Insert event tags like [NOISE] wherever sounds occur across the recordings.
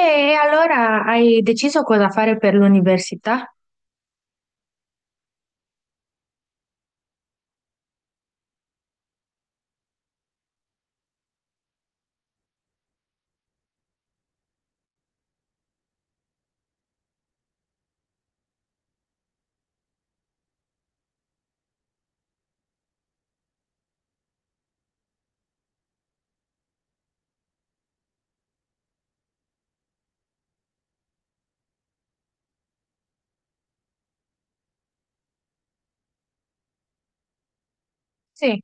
E allora hai deciso cosa fare per l'università? Sì,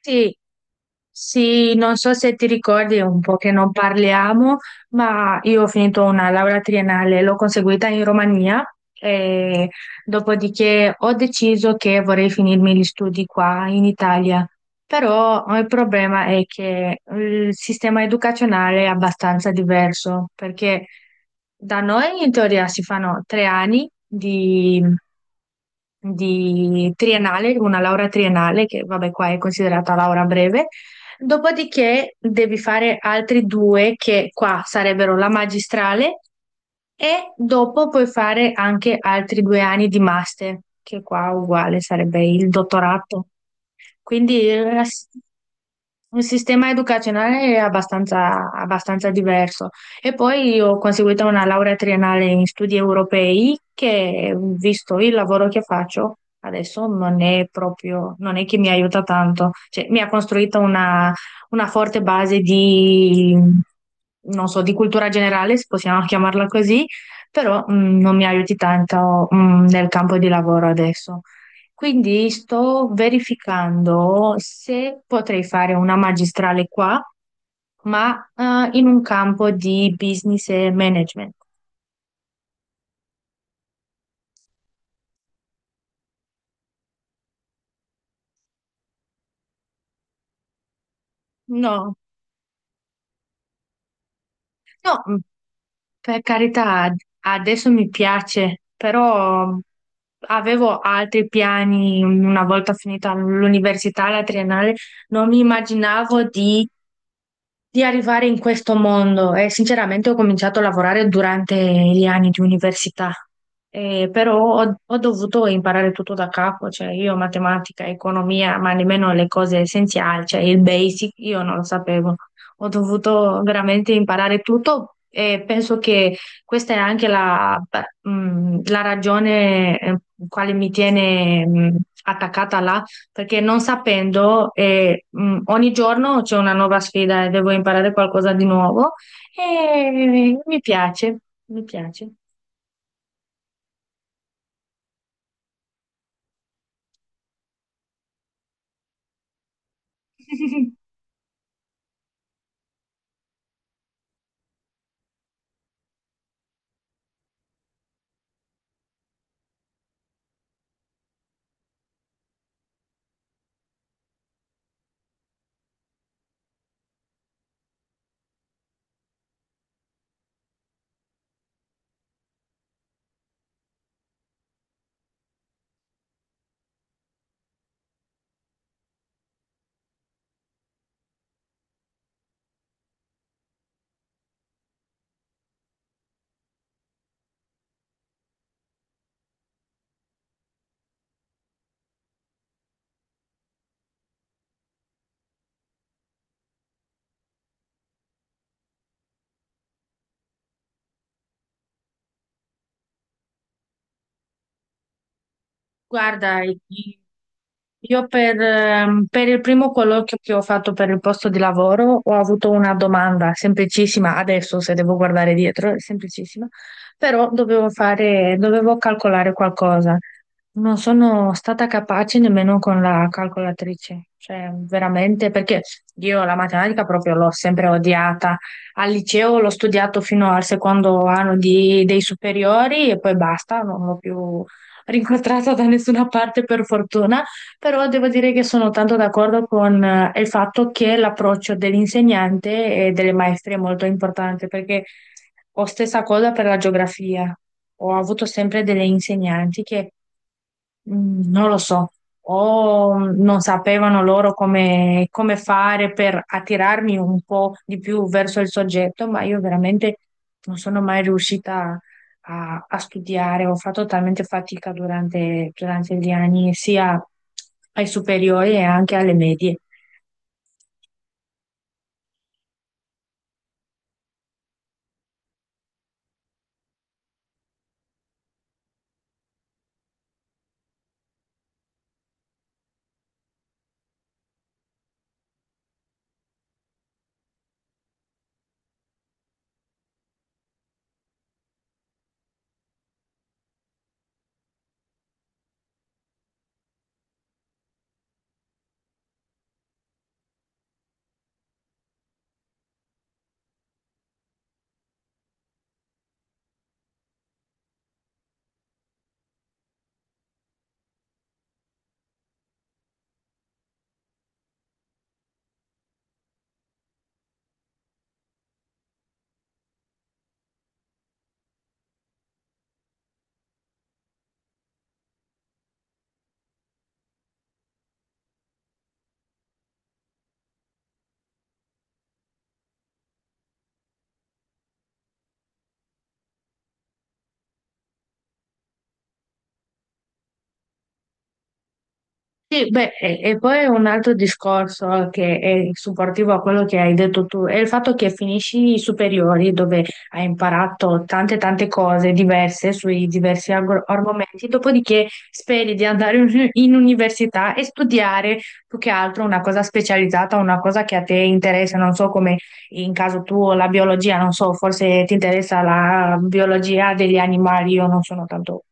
sì. Sì, non so se ti ricordi, è un po' che non parliamo, ma io ho finito una laurea triennale, l'ho conseguita in Romania e dopodiché ho deciso che vorrei finirmi gli studi qua in Italia. Però il problema è che il sistema educazionale è abbastanza diverso, perché da noi in teoria si fanno tre anni di triennale, una laurea triennale, che vabbè qua è considerata laurea breve. Dopodiché devi fare altri due che qua sarebbero la magistrale e dopo puoi fare anche altri due anni di master, che qua uguale sarebbe il dottorato. Quindi il sistema educazionale è abbastanza, abbastanza diverso. E poi ho conseguito una laurea triennale in studi europei che, visto il lavoro che faccio, adesso non è proprio, non è che mi aiuta tanto. Cioè, mi ha costruito una forte base di, non so, di cultura generale, se possiamo chiamarla così, però non mi aiuti tanto nel campo di lavoro adesso. Quindi sto verificando se potrei fare una magistrale qua, ma in un campo di business e management. No, no, per carità, adesso mi piace, però avevo altri piani una volta finita l'università, la triennale. Non mi immaginavo di arrivare in questo mondo e sinceramente ho cominciato a lavorare durante gli anni di università. Però ho dovuto imparare tutto da capo, cioè io matematica, economia, ma nemmeno le cose essenziali, cioè il basic, io non lo sapevo. Ho dovuto veramente imparare tutto e penso che questa è anche la, la ragione quale mi tiene attaccata là, perché non sapendo, ogni giorno c'è una nuova sfida e devo imparare qualcosa di nuovo e mi piace, mi piace. [LAUGHS] Guarda, io per il primo colloquio che ho fatto per il posto di lavoro ho avuto una domanda semplicissima, adesso se devo guardare dietro è semplicissima, però dovevo calcolare qualcosa. Non sono stata capace nemmeno con la calcolatrice, cioè veramente perché io la matematica proprio l'ho sempre odiata. Al liceo l'ho studiato fino al secondo anno dei superiori e poi basta, non l'ho più rincontrata da nessuna parte per fortuna. Però devo dire che sono tanto d'accordo con il fatto che l'approccio dell'insegnante e delle maestre è molto importante, perché ho stessa cosa per la geografia. Ho avuto sempre delle insegnanti che... Mm, non lo so, o non sapevano loro come, come fare per attirarmi un po' di più verso il soggetto, ma io veramente non sono mai riuscita a studiare, ho fatto talmente fatica durante, durante gli anni, sia ai superiori e anche alle medie. Sì, beh, e poi è un altro discorso che è supportivo a quello che hai detto tu, è il fatto che finisci i superiori dove hai imparato tante tante cose diverse sui diversi argomenti, dopodiché speri di andare in università e studiare più che altro una cosa specializzata, una cosa che a te interessa, non so come in caso tuo la biologia, non so, forse ti interessa la biologia degli animali, io non sono tanto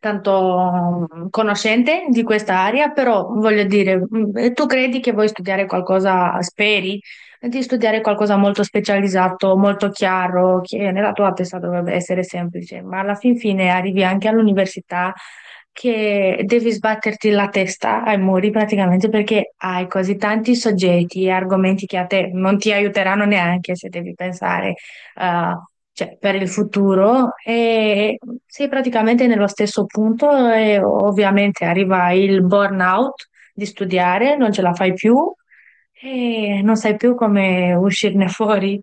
tanto conoscente di questa area, però voglio dire, e tu credi che vuoi studiare qualcosa, speri di studiare qualcosa molto specializzato, molto chiaro, che nella tua testa dovrebbe essere semplice, ma alla fin fine arrivi anche all'università che devi sbatterti la testa ai muri praticamente perché hai così tanti soggetti e argomenti che a te non ti aiuteranno neanche se devi pensare eh, cioè, per il futuro e sei praticamente nello stesso punto e ovviamente arriva il burnout di studiare, non ce la fai più e non sai più come uscirne [LAUGHS] fuori.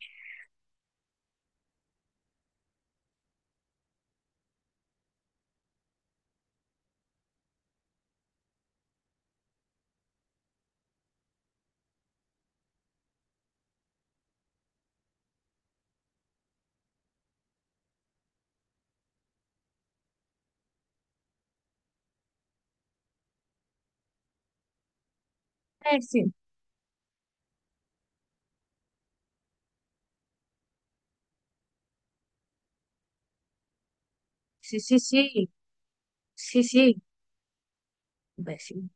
Eh sì, sì, sì, sì, sì, sì.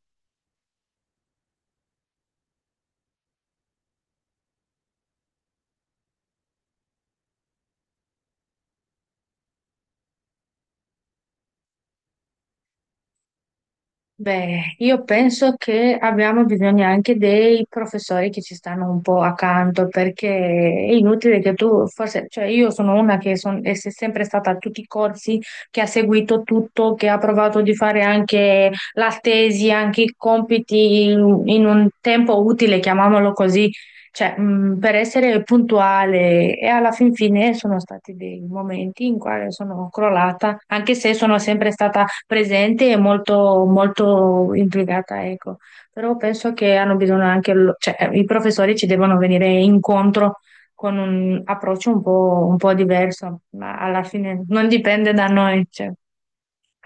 Beh, io penso che abbiamo bisogno anche dei professori che ci stanno un po' accanto, perché è inutile che tu, forse, cioè io sono una che son- è se- sempre stata a tutti i corsi, che ha seguito tutto, che ha provato di fare anche la tesi, anche i compiti in un tempo utile, chiamiamolo così, cioè, per essere puntuale e alla fin fine sono stati dei momenti in cui sono crollata, anche se sono sempre stata presente e molto, molto implicata, ecco. Però penso che hanno bisogno anche, cioè, i professori ci devono venire incontro con un approccio un po' diverso, ma alla fine non dipende da noi, cioè.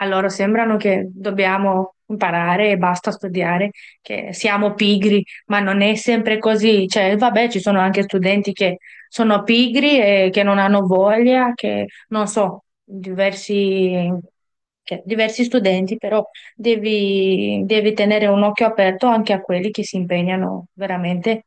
A loro sembrano che dobbiamo imparare e basta studiare, che siamo pigri, ma non è sempre così. Cioè, vabbè, ci sono anche studenti che sono pigri e che non hanno voglia, che non so, diversi, diversi studenti, però devi, devi tenere un occhio aperto anche a quelli che si impegnano veramente.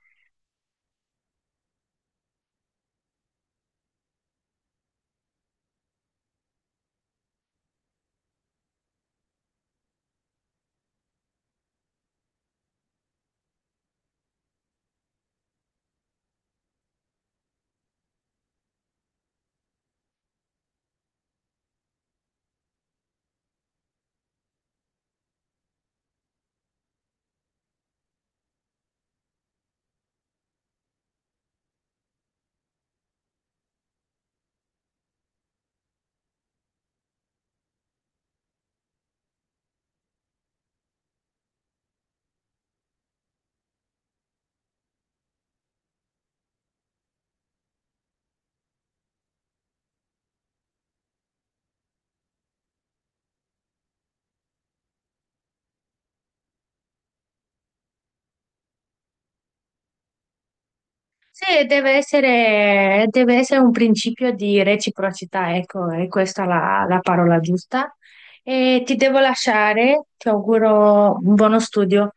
Sì, deve essere un principio di reciprocità, ecco, è questa la, la parola giusta. E ti devo lasciare, ti auguro un buono studio.